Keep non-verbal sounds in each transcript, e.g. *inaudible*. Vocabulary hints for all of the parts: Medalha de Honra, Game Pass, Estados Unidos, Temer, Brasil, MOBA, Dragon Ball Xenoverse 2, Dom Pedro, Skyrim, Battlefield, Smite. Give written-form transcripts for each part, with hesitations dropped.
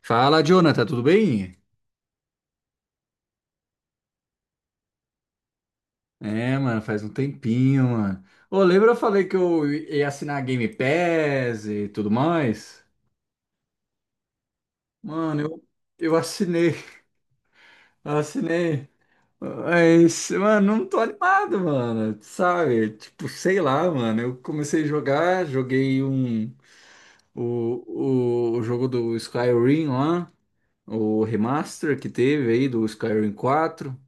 Fala, Jonathan, tudo bem? É, mano, faz um tempinho, mano. Ô, lembra eu falei que eu ia assinar a Game Pass e tudo mais? Mano, eu assinei, *laughs* assinei. Mas, mano, não tô animado, mano, sabe? Tipo, sei lá, mano, eu comecei a jogar, o jogo do Skyrim lá. O remaster que teve aí do Skyrim 4.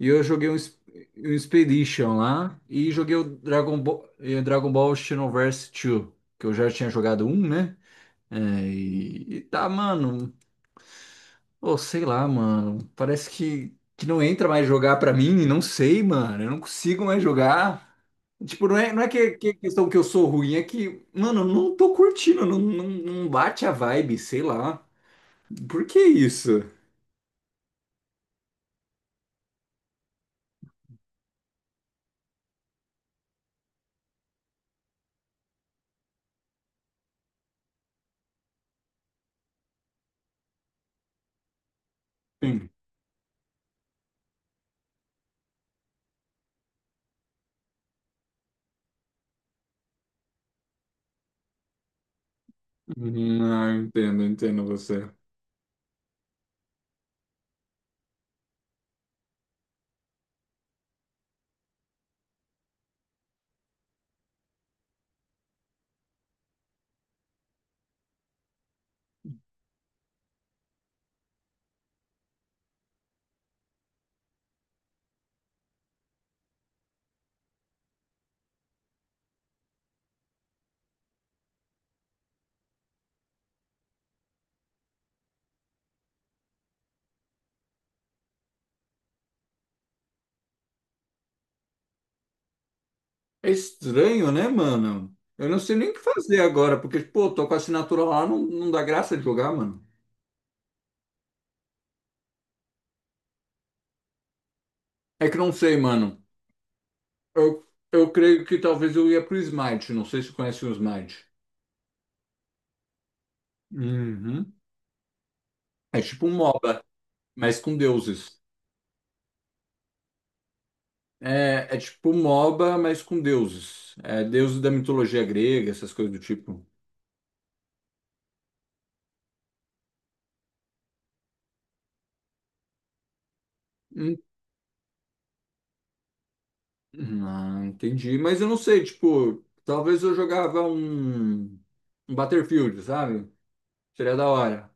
E eu um Expedition lá e joguei o Dragon Ball, Dragon Ball Xenoverse 2, que eu já tinha jogado um, né? É, e tá, mano, ou sei lá, mano, parece que não entra mais jogar pra mim, não sei, mano, eu não consigo mais jogar. Tipo, não é que é questão que eu sou ruim, é que, mano, eu não tô curtindo, não, não, não bate a vibe, sei lá. Por que isso? Uhum. Ah, entendo, entendo você. É estranho, né, mano? Eu não sei nem o que fazer agora, porque, pô, tô com a assinatura lá, não, não dá graça de jogar, mano. É que não sei, mano. Eu creio que talvez eu ia pro Smite, não sei se conhece o Smite. Uhum. É tipo um MOBA, mas com deuses. É tipo um MOBA, mas com deuses. É deuses da mitologia grega, essas coisas do tipo. Ah, entendi. Mas eu não sei, tipo, talvez eu jogava um Battlefield, sabe? Seria da hora.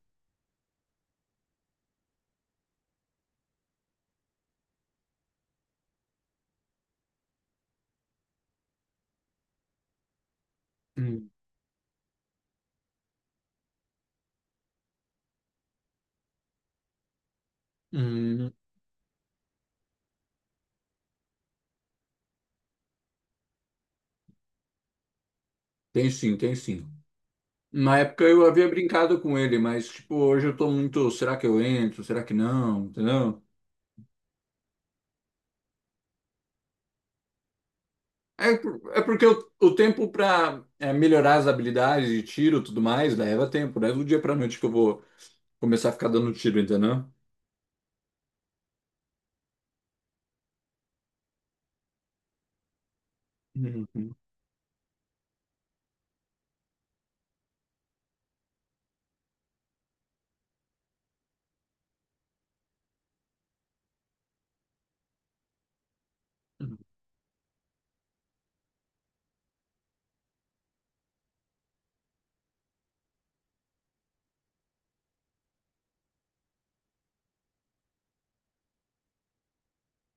Hum. Hum, Tem sim, tem sim. Na época eu havia brincado com ele, mas, tipo, hoje eu tô muito. Será que eu entro? Será que não? Entendeu? É, é porque o tempo pra melhorar as habilidades de tiro e tudo mais leva tempo, né? Do dia pra noite que eu vou começar a ficar dando tiro, entendeu? Uhum.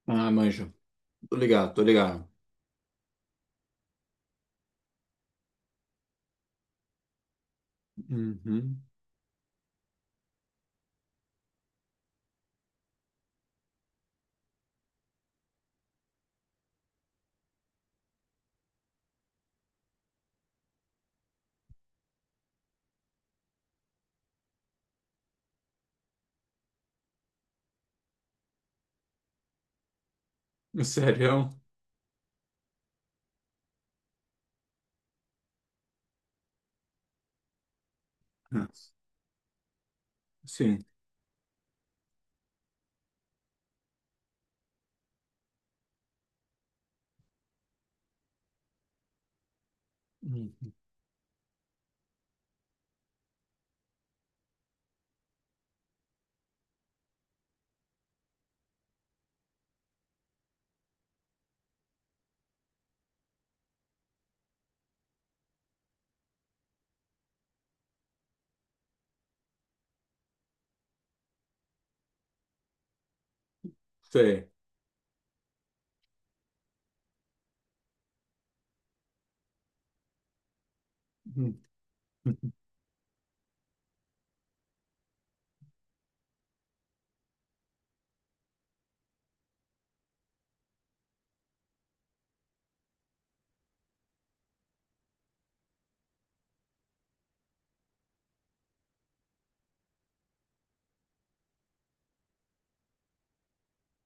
Ah, manjo. Tô ligado, tô ligado. Uhum. Sério? Sim. Hum. Sei. Hum.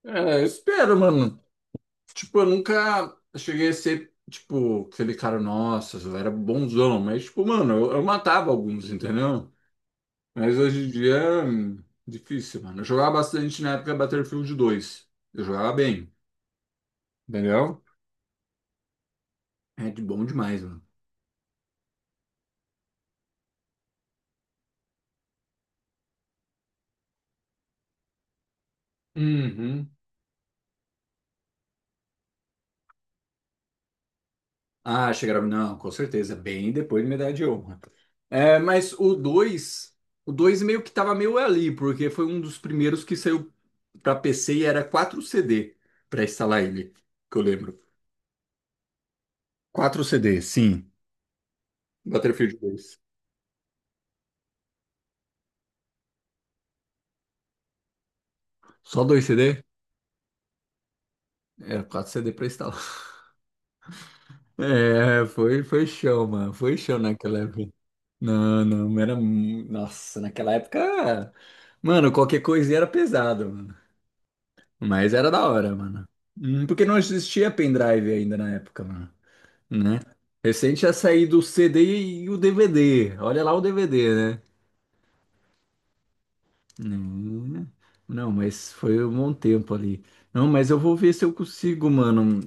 É, espero, mano. Tipo, eu nunca cheguei a ser, tipo, aquele cara, nossa, eu era bonzão. Mas, tipo, mano, eu matava alguns, entendeu? Mas hoje em dia, é difícil, mano. Eu jogava bastante na época Battlefield 2. Eu jogava bem, entendeu? É de bom demais, mano. Uhum. Ah, chegaram. Não, com certeza. Bem depois de Medalha de Honra. É, mas o 2, o 2 meio que tava meio ali, porque foi um dos primeiros que saiu pra PC e era 4 CD pra instalar ele, que eu lembro. 4 CD, sim. Battlefield 2. Só 2 CD? Era 4 CD pra instalar. *laughs* É, foi show, mano. Foi show naquela época. Não, não, era. Nossa, naquela época. Mano, qualquer coisinha era pesado. Mas era da hora, mano. Porque não existia pendrive ainda na época, mano. Né? Recente ia sair do CD e o DVD. Olha lá o DVD, né? Hum. Não, mas foi um bom tempo ali. Não, mas eu vou ver se eu consigo, mano.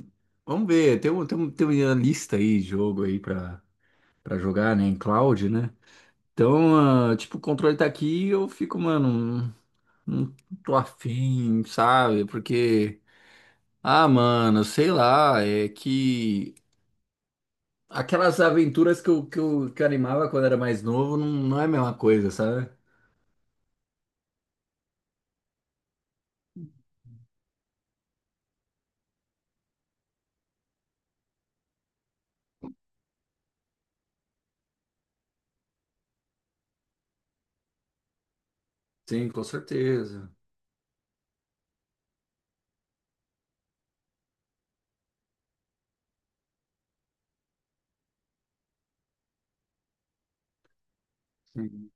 Vamos ver. Tem uma lista aí, de jogo aí pra, pra jogar, né? Em cloud, né? Então, tipo, o controle tá aqui e eu fico, mano. Não não tô afim, sabe? Porque. Ah, mano, sei lá, é que aquelas aventuras que eu animava quando era mais novo não, não é a mesma coisa, sabe? Sim, com certeza. Sim.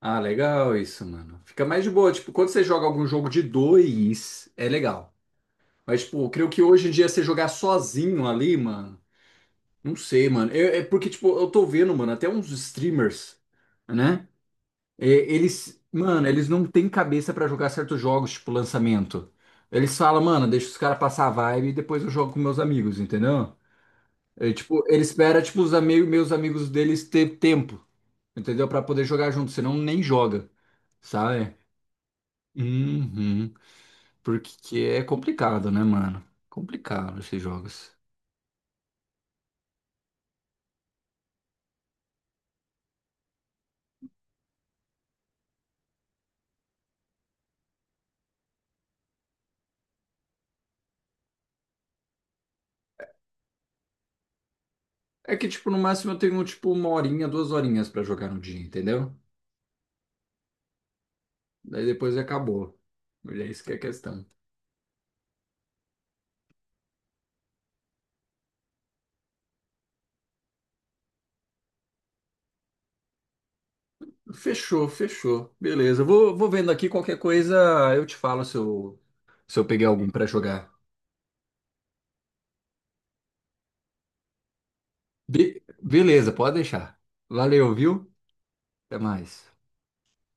Ah, legal isso, mano. Fica mais de boa. Tipo, quando você joga algum jogo de dois, é legal. Mas, tipo, eu creio que hoje em dia você jogar sozinho ali, mano, não sei, mano. É porque, tipo, eu tô vendo, mano, até uns streamers, né? É, eles, mano, eles não têm cabeça pra jogar certos jogos, tipo lançamento. Eles falam, mano, deixa os caras passar a vibe e depois eu jogo com meus amigos, entendeu? É, tipo, ele espera, tipo, os amigos, meus amigos deles ter tempo, entendeu? Pra poder jogar junto, senão nem joga, sabe? Uhum. Porque é complicado, né, mano? Complicado esses jogos. É que, tipo, no máximo eu tenho, tipo, uma horinha, duas horinhas pra jogar no dia, entendeu? Daí depois acabou. E é isso que é a questão. Fechou, fechou. Beleza. Vou vendo aqui qualquer coisa, eu te falo se eu, se eu peguei algum pra jogar. Beleza, pode deixar. Valeu, viu? Até mais.